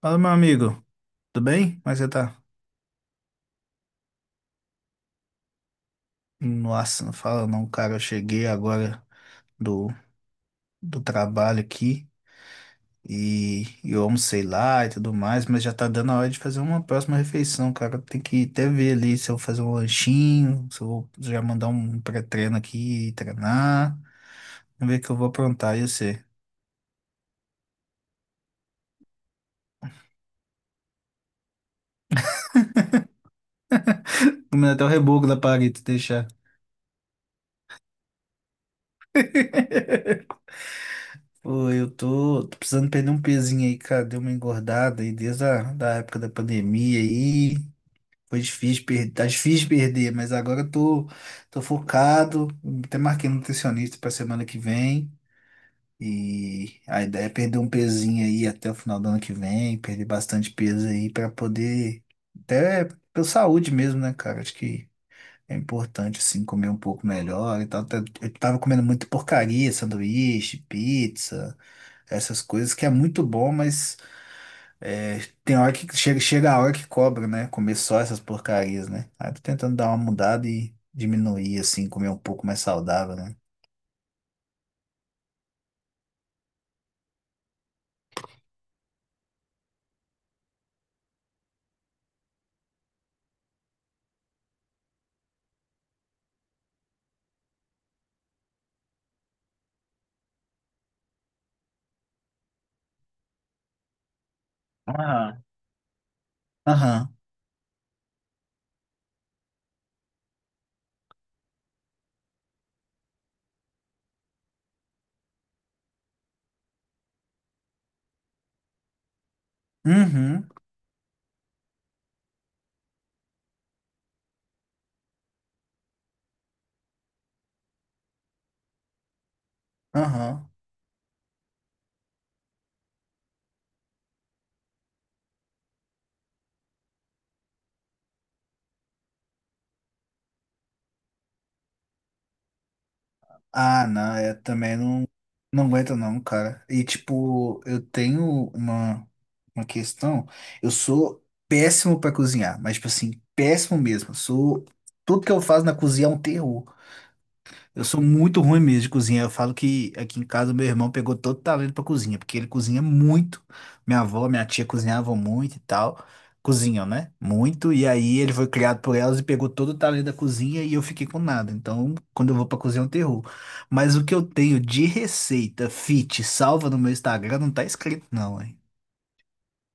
Fala, meu amigo, tudo bem? Como é que você tá? Nossa, não fala não, cara. Eu cheguei agora do, do trabalho aqui e eu almocei lá e tudo mais, mas já tá dando a hora de fazer uma próxima refeição, cara. Tem que até ver ali se eu vou fazer um lanchinho, se eu vou já mandar um pré-treino aqui e treinar. Vamos ver o que eu vou aprontar, eu sei. Comendo até o reboco da parede, se deixar. Pô, eu tô precisando perder um pezinho aí, cara. Deu uma engordada aí desde a da época da pandemia aí. Foi difícil perder, tá difícil de perder, mas agora eu tô focado. Até marquei um nutricionista pra semana que vem. E a ideia é perder um pezinho aí até o final do ano que vem, perder bastante peso aí pra poder, até pela saúde mesmo, né, cara? Acho que é importante, assim, comer um pouco melhor e tal. Tá- Eu tava comendo muita porcaria, sanduíche, pizza, essas coisas, que é muito bom, mas. É, tem hora que chega, chega a hora que cobra, né? Comer só essas porcarias, né? Aí eu tô tentando dar uma mudada e diminuir, assim, comer um pouco mais saudável, né? Aham. Aham. Uhum. Aham. Ah, não, eu também não, não aguento não, cara. E tipo, uma questão. Eu sou péssimo pra cozinhar, mas tipo assim, péssimo mesmo. Sou, tudo que eu faço na cozinha é um terror. Eu sou muito ruim mesmo de cozinha. Eu falo que aqui em casa meu irmão pegou todo o talento pra cozinha, porque ele cozinha muito. Minha avó, minha tia cozinhavam muito e tal. Cozinham, né? Muito. E aí ele foi criado por elas e pegou todo o talento da cozinha e eu fiquei com nada. Então, quando eu vou pra cozinha, é um terror. Mas o que eu tenho de receita fit salva no meu Instagram não tá escrito, não, hein?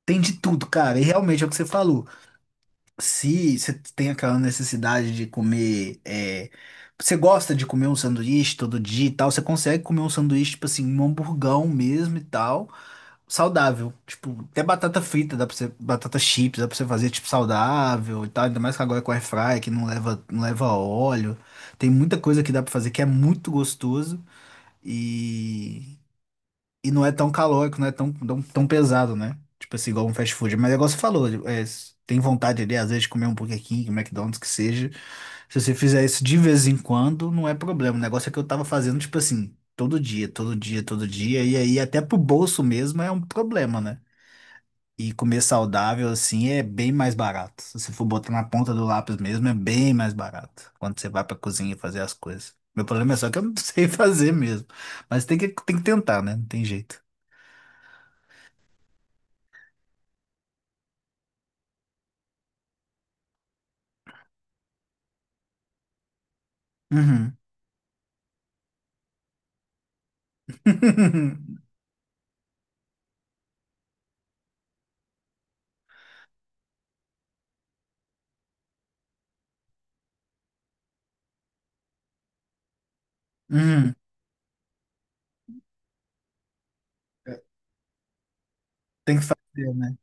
Tem de tudo, cara. E realmente é o que você falou. Se você tem aquela necessidade de comer, é, você gosta de comer um sanduíche todo dia e tal, você consegue comer um sanduíche, tipo assim, um hamburgão mesmo e tal, saudável. Tipo, até batata frita, dá pra você, batata chips, dá pra você fazer, tipo, saudável e tal, ainda mais que agora com air fry, que não leva óleo. Tem muita coisa que dá pra fazer que é muito gostoso e não é tão calórico, não é tão, tão, tão pesado, né? Tipo assim, igual um fast food. Mas é igual você falou, é, se tem vontade ali, às vezes, de comer um Burger King, McDonald's, que seja. Se você fizer isso de vez em quando, não é problema. O negócio é que eu tava fazendo, tipo assim, todo dia, todo dia, todo dia. E aí, até pro bolso mesmo, é um problema, né? E comer saudável, assim, é bem mais barato. Se você for botar na ponta do lápis mesmo, é bem mais barato. Quando você vai pra cozinha fazer as coisas. Meu problema é só que eu não sei fazer mesmo. Mas tem que tentar, né? Não tem jeito. Uhum. Uhum. Tem que fazer, né?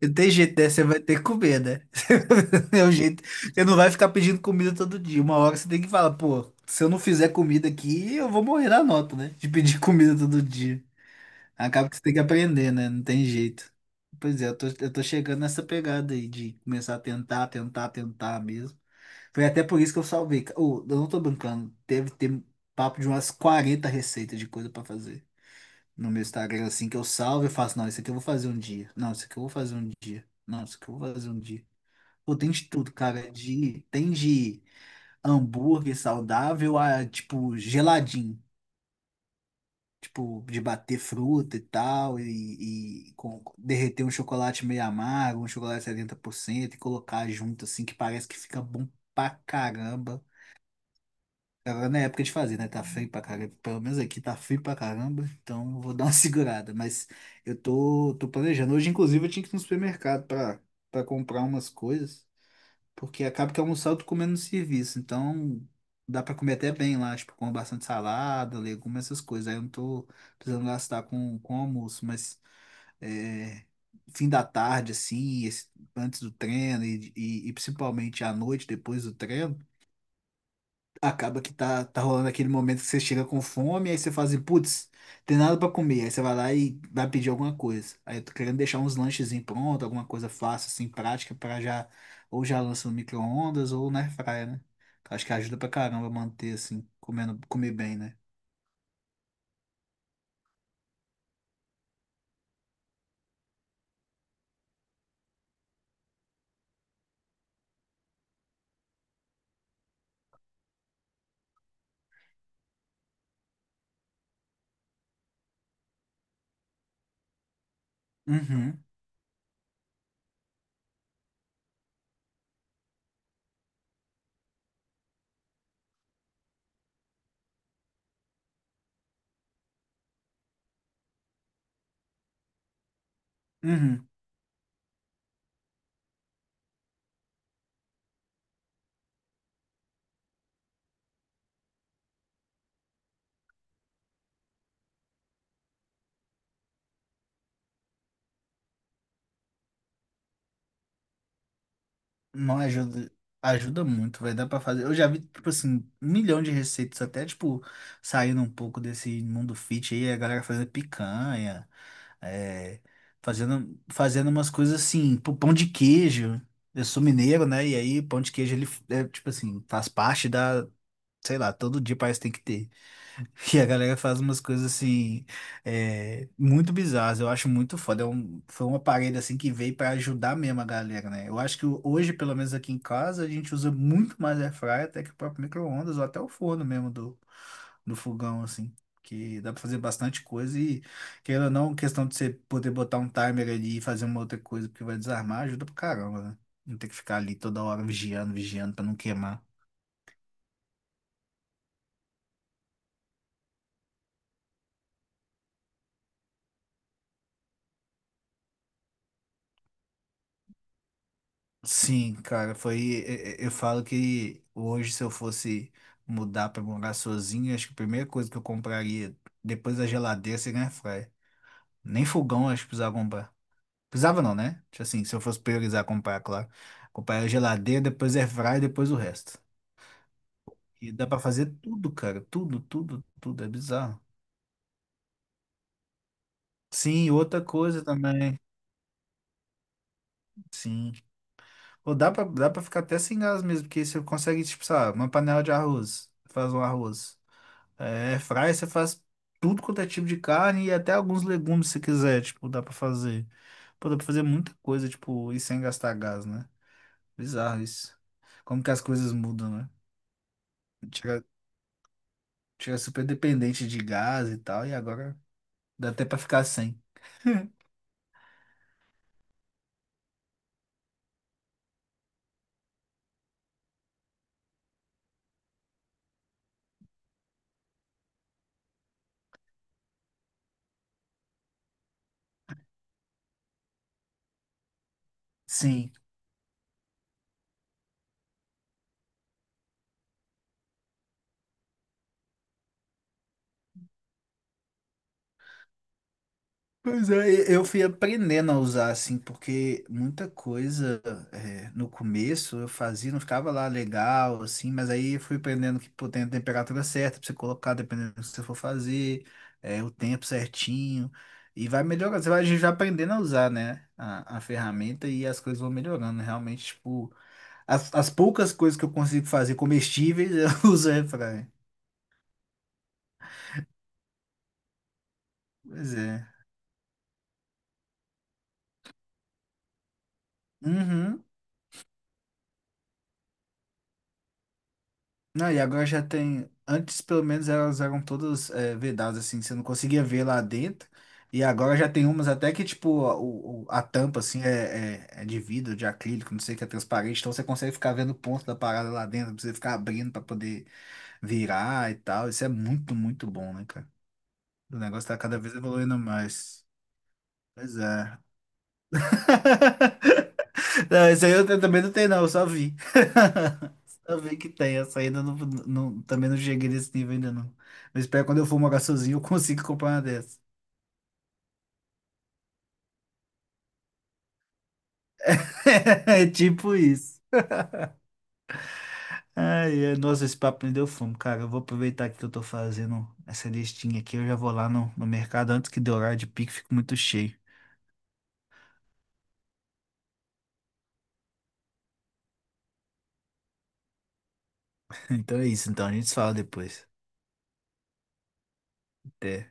Não tem jeito, né? Você vai ter que comer, né? É o jeito. Você não vai ficar pedindo comida todo dia. Uma hora você tem que falar, pô, se eu não fizer comida aqui, eu vou morrer na nota, né? De pedir comida todo dia. Acaba que você tem que aprender, né? Não tem jeito. Pois é, eu tô chegando nessa pegada aí de começar a tentar, tentar, tentar mesmo. Foi até por isso que eu salvei. Ô, eu não tô brincando. Deve ter papo de umas 40 receitas de coisa pra fazer. No meu Instagram, é assim, que eu salvo e faço, não, isso aqui eu vou fazer um dia. Não, isso aqui eu vou fazer um dia. Não, isso aqui eu vou fazer um dia. Pô, tem de tudo, cara. Tem de hambúrguer saudável a, tipo, geladinho. Tipo, de bater fruta e tal, e com- derreter um chocolate meio amargo, um chocolate 70% e colocar junto, assim, que parece que fica bom pra caramba. Agora não é época de fazer, né? Tá frio pra caramba. Pelo menos aqui tá frio pra caramba, então eu vou dar uma segurada. Mas eu tô planejando. Hoje, inclusive, eu tinha que ir no supermercado pra comprar umas coisas, porque acaba que almoçar eu tô comendo no serviço. Então dá pra comer até bem lá, tipo, com bastante salada, legumes, essas coisas. Aí eu não tô precisando gastar com almoço, mas é, fim da tarde, assim, esse- antes do treino e, e principalmente à noite, depois do treino acaba que tá rolando aquele momento que você chega com fome, aí você fala assim, putz, tem nada pra comer. Aí você vai lá e vai pedir alguma coisa. Aí eu tô querendo deixar uns lanchezinhos pronto, alguma coisa fácil, assim, prática, pra já, ou já lança no micro-ondas ou na airfryer, né? Acho que ajuda pra caramba manter, assim, comendo, comer bem, né? Uhum, uhum. Não ajuda, ajuda muito, vai dar pra fazer. Eu já vi, tipo assim, um milhão de receitas, até, tipo, saindo um pouco desse mundo fit aí, a galera fazendo picanha, é, fazendo umas coisas assim, pô, pão de queijo. Eu sou mineiro, né? E aí, pão de queijo, ele, é, tipo assim, faz parte da, sei lá, todo dia parece que tem que ter. E a galera faz umas coisas assim, é, muito bizarras, eu acho muito foda. É um- foi uma parede assim que veio para ajudar mesmo a galera, né? Eu acho que hoje, pelo menos aqui em casa, a gente usa muito mais air fryer até que o próprio micro-ondas ou até o forno mesmo do fogão, assim. Que dá para fazer bastante coisa e, querendo ou não, questão de você poder botar um timer ali e fazer uma outra coisa porque vai desarmar, ajuda pra caramba, né? Não ter que ficar ali toda hora vigiando, vigiando para não queimar. Sim, cara, foi. E- Eu falo que hoje, se eu fosse mudar pra morar sozinho, acho que a primeira coisa que eu compraria depois da geladeira seria um air fryer. Nem fogão, acho que precisava comprar. Precisava não, né? Tipo assim, se eu fosse priorizar comprar, claro. Comprar a geladeira, depois air fryer, depois o resto. E dá pra fazer tudo, cara. Tudo, tudo, tudo. É bizarro. Sim, outra coisa também. Sim. Ou dá pra ficar até sem gás mesmo, porque você consegue, tipo, sabe, uma panela de arroz. Faz um arroz. É, fry você faz tudo quanto é tipo de carne e até alguns legumes se quiser, tipo, dá pra fazer. Pô, dá pra fazer muita coisa, tipo, e sem gastar gás, né? Bizarro isso. Como que as coisas mudam, né? Tira, tira super dependente de gás e tal, e agora dá até pra ficar sem. Sim. Pois é, e- eu fui aprendendo a usar assim, porque muita coisa é, no começo eu fazia, não ficava lá legal, assim, mas aí eu fui aprendendo que pô, tem a temperatura certa pra você colocar, dependendo do que você for fazer, é, o tempo certinho, e vai melhorando, você vai a gente vai aprendendo a usar, né, a ferramenta e as coisas vão melhorando, realmente, tipo, as poucas coisas que eu consigo fazer comestíveis eu uso airfryer. Pois é. Uhum. Não, e agora já tem. Antes, pelo menos, elas eram todas é, vedadas, assim, você não conseguia ver lá dentro. E agora já tem umas até que, tipo, a, o- a tampa, assim, é de vidro, de acrílico, não sei, que é transparente. Então você consegue ficar vendo o ponto da parada lá dentro, não precisa ficar abrindo pra poder virar e tal. Isso é muito, muito bom, né, cara? O negócio tá cada vez evoluindo mais. Pois é. Não, isso aí eu te- também não tenho, não, eu só vi. Só vi que tem, essa ainda não, não- também não cheguei nesse nível ainda não. Eu espero que quando eu for morar sozinho eu consigo comprar uma dessa. É tipo isso. Ai, ai, nossa, esse papo me deu fome, cara. Eu vou aproveitar que eu tô fazendo essa listinha aqui, eu já vou lá no mercado antes que dê horário de pico, fico muito cheio. Então é isso, então a gente se fala depois. Até.